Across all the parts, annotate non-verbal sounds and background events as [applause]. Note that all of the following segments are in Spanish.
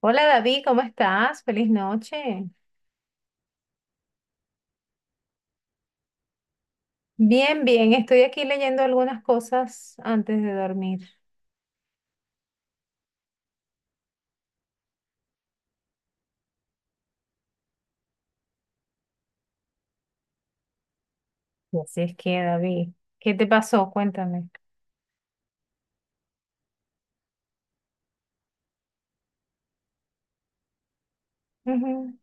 Hola David, ¿cómo estás? Feliz noche. Bien, bien, estoy aquí leyendo algunas cosas antes de dormir. Así es que, David, ¿qué te pasó? Cuéntame. Ujú.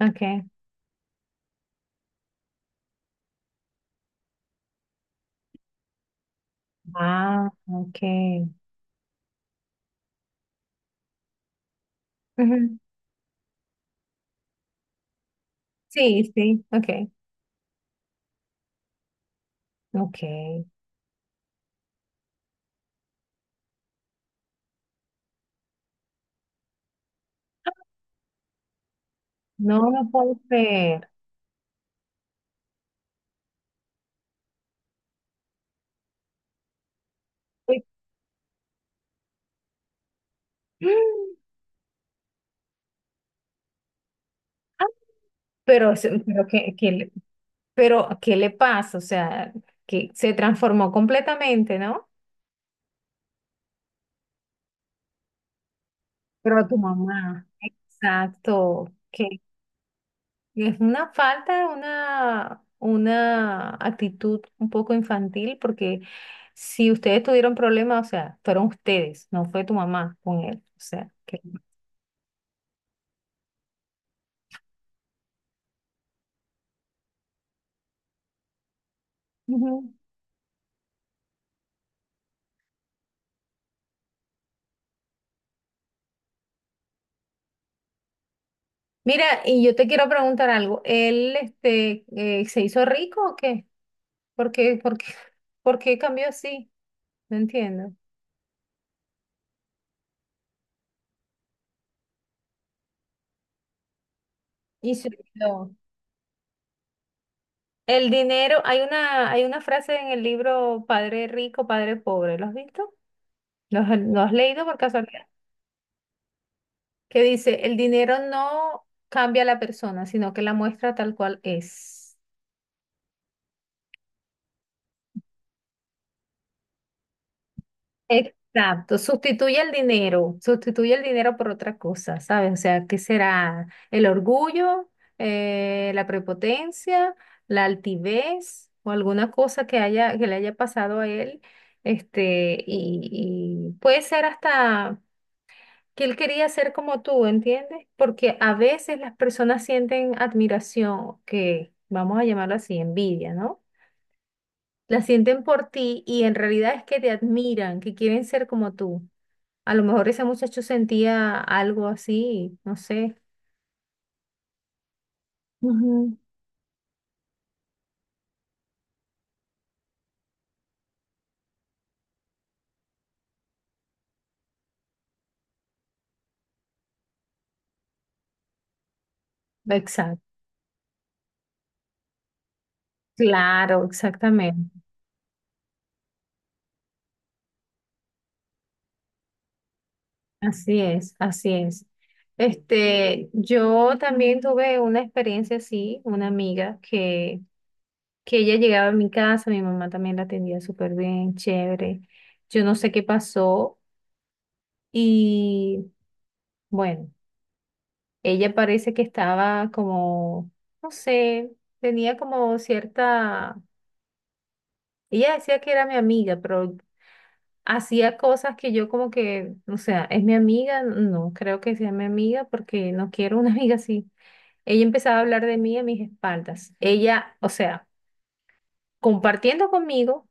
Ok. Ah, ok. Ujú. Sí, sí, ok. Ok. No, no puedo creer. Uy, [gasps] ah. Pero pero, ¿qué le pasa? O sea, que se transformó completamente, ¿no? Pero a tu mamá. Exacto. Es una falta, una actitud un poco infantil, porque si ustedes tuvieron problemas, o sea, fueron ustedes, no fue tu mamá con él. O sea, que... Ujú. Mira, y yo te quiero preguntar algo. ¿Él, se hizo rico o qué? ¿Por qué [laughs] por qué cambió así? No entiendo. Y se olvidó. El dinero, hay una frase en el libro Padre rico, padre pobre. ¿Lo has visto? Lo has leído por casualidad? Que dice, el dinero no cambia a la persona, sino que la muestra tal cual es. Exacto, sustituye el dinero por otra cosa, ¿sabes? O sea, ¿qué será? ¿El orgullo, la prepotencia, la altivez o alguna cosa que haya, que le haya pasado a él? Este, y puede ser hasta que él quería ser como tú, ¿entiendes? Porque a veces las personas sienten admiración, que vamos a llamarlo así, envidia, ¿no? La sienten por ti y en realidad es que te admiran, que quieren ser como tú. A lo mejor ese muchacho sentía algo así, no sé. Ujú. Exacto, claro, exactamente. Así es, así es. Este, yo también tuve una experiencia así, una amiga que ella llegaba a mi casa, mi mamá también la atendía súper bien, chévere. Yo no sé qué pasó y bueno, ella parece que estaba como, no sé, tenía como cierta, ella decía que era mi amiga, pero hacía cosas que yo como que, o sea, ¿es mi amiga? No, creo que sea mi amiga porque no quiero una [laughs] amiga así. Ella empezaba a hablar de mí a mis espaldas. Ella, o sea, compartiendo conmigo.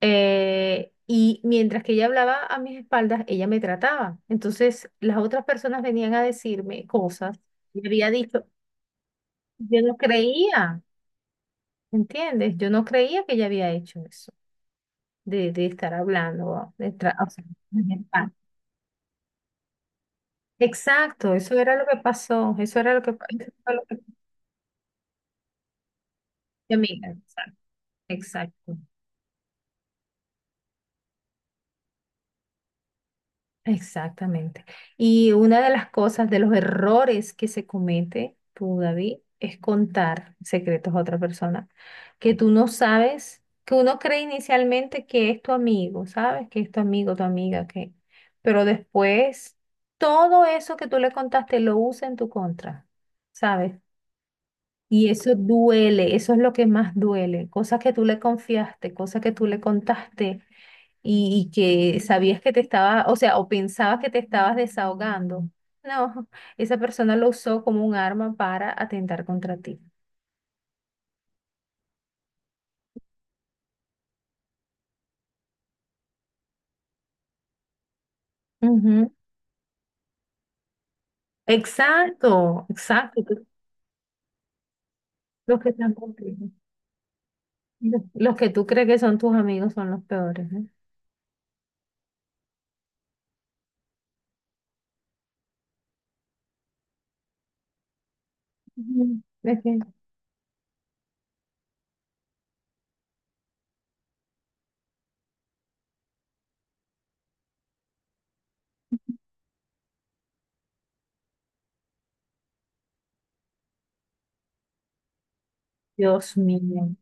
Y mientras que ella hablaba a mis espaldas, ella me trataba. Entonces, las otras personas venían a decirme cosas y había dicho, yo no creía, ¿entiendes? Yo no creía que ella había hecho eso, de estar hablando, de o sea, mis espaldas. Exacto, eso era lo que pasó, eso era lo que, eso fue lo que- mi amiga, exacto, exacto. Exactamente. Y una de las cosas, de los errores que se comete, tú, David, es contar secretos a otra persona que tú no sabes, que uno cree inicialmente que es tu amigo, ¿sabes? Que es tu amigo, tu amiga, que... Pero después, todo eso que tú le contaste lo usa en tu contra, ¿sabes? Y eso duele, eso es lo que más duele. Cosas que tú le confiaste, cosas que tú le contaste y que sabías que te estaba, o sea, o pensabas que te estabas desahogando. No, [laughs] esa persona lo usó como un arma para atentar contra ti. Ujú. Exacto, exacto. tú- Los que están contigo. Los que tú crees que son tus amigos son los peores, ¿eh? Ujú. Es que- Dios mío,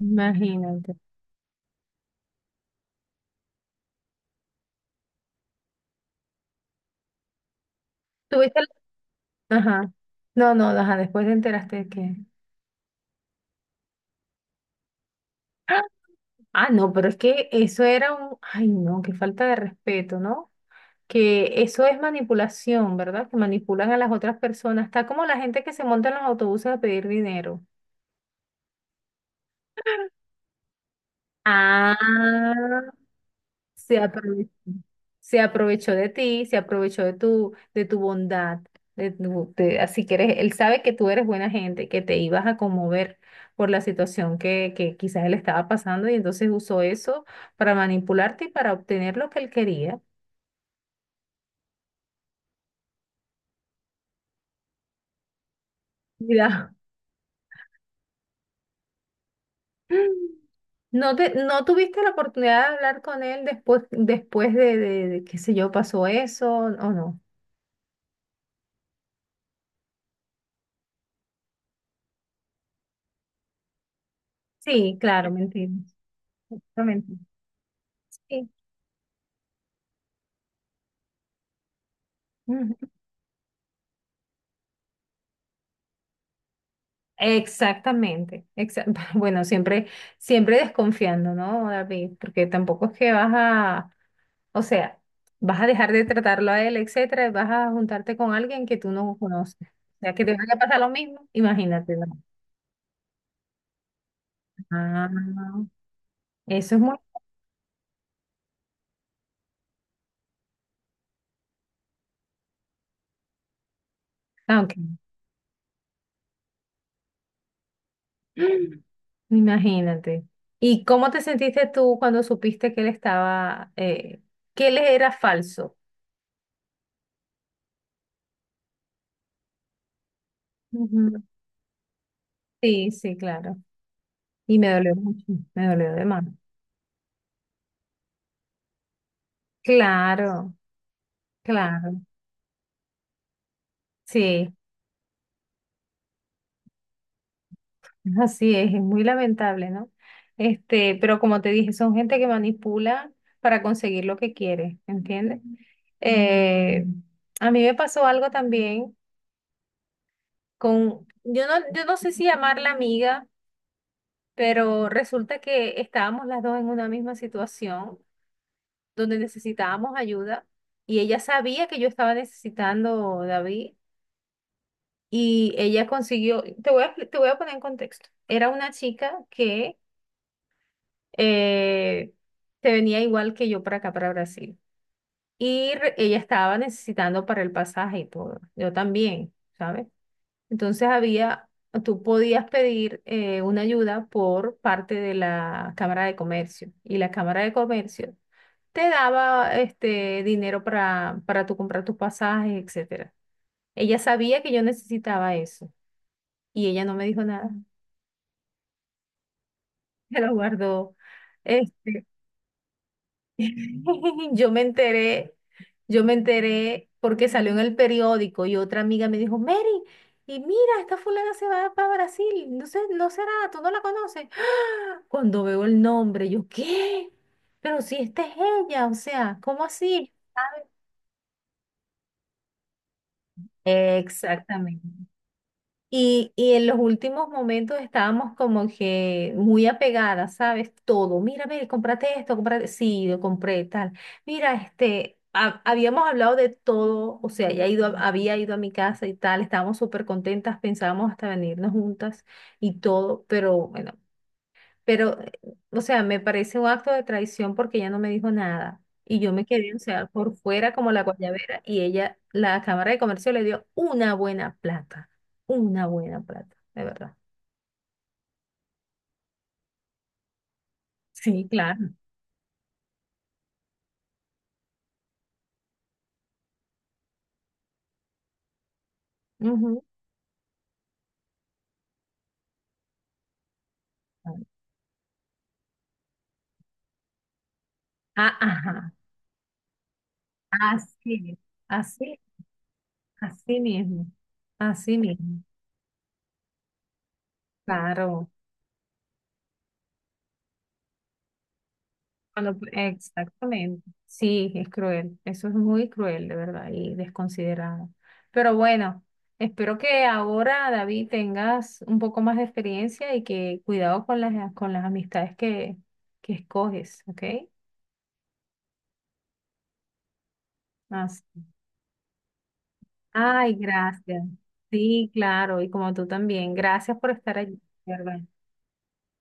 imagínate. Tuviste, la- ajá. No, no, ajá, después te enteraste de que. Ah. Ah, no, pero es que eso era un, ay, no, qué falta de respeto, ¿no? Que eso es manipulación, ¿verdad? Que manipulan a las otras personas. Está como la gente que se monta en los autobuses a pedir dinero. Ah, se aprovechó, se aprovechó de ti, se aprovechó de tu bondad, de así que eres, él sabe que tú eres buena gente, que te ibas a conmover por la situación que quizás él estaba pasando y entonces usó eso para manipularte y para obtener lo que él quería. Mira. [laughs] ¿No te, no tuviste la oportunidad de hablar con él después, después de qué sé yo, pasó eso o no? Sí, claro, mentimos. Exactamente. Sí. Ujú. Exactamente. [laughs] Bueno, siempre, siempre desconfiando, ¿no, David? Porque tampoco es que vas a, o sea, vas a dejar de tratarlo a él, etcétera, y vas a juntarte con alguien que tú no conoces. O sea, que te vaya a pasar lo mismo, imagínate, ¿no? Ah, eso es muy... Ah, ok. Imagínate. ¿Y cómo te sentiste tú cuando supiste que él estaba, que él era falso? Ujú. Sí, sí, claro. Y me dolió mucho, me dolió de más. Claro, claro. Sí, así es muy lamentable, ¿no? Este, pero como te dije, son gente que manipula para conseguir lo que quiere, ¿entiendes? Eh, a mí me pasó algo también con, yo no, yo no sé si llamarla amiga. Pero resulta que estábamos las dos en una misma situación donde necesitábamos ayuda y ella sabía que yo estaba necesitando, David, y ella consiguió, te voy a, te voy a poner en contexto, era una chica que eh, se venía igual que yo para acá, para Brasil, y ella estaba necesitando para el pasaje y todo, yo también. ¿Sabes? Entonces había, tú podías pedir una ayuda por parte de la Cámara de Comercio y la Cámara de Comercio te daba este dinero para tú comprar tus pasajes, etcétera. Ella sabía que yo necesitaba eso y ella no me dijo nada, [laughs] se lo guardó. Este, [laughs] yo me enteré, yo me enteré porque salió en el periódico y otra amiga me dijo, Mary, y mira, esta fulana se va para Brasil, no sé, no será, tú no la conoces. Cuando veo el nombre, yo, ¿qué? Pero si esta es ella, o sea, ¿cómo así? Exactamente. Y en los últimos momentos estábamos como que muy apegadas, ¿sabes? Todo. Mira, ve, cómprate esto, cómprate. Sí, lo compré, tal. Mira, este, habíamos hablado de todo, o sea, ya ido, había ido a mi casa y tal, estábamos súper contentas, pensábamos hasta venirnos juntas y todo, pero bueno. Pero, o sea, me parece un acto de traición porque ella no me dijo nada. Y yo me quedé, o sea, por fuera como la guayabera y ella, la Cámara de Comercio le dio una buena plata, de verdad. Sí, claro. Ujú. Ah, ajá, así, así, así mismo, así mismo. Claro. Cuando- exactamente. Sí, es cruel. Eso es muy cruel, de verdad, y desconsiderado. Pero bueno, espero que ahora, David, tengas un poco más de experiencia y que cuidado con las amistades que escoges, ¿ok? Así. Ay, gracias. Sí, claro, y como tú también. Gracias por estar allí, de ¿verdad?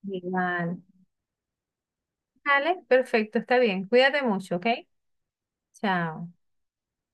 Igual. Vale, perfecto, está bien. Cuídate mucho, ¿ok? Chao.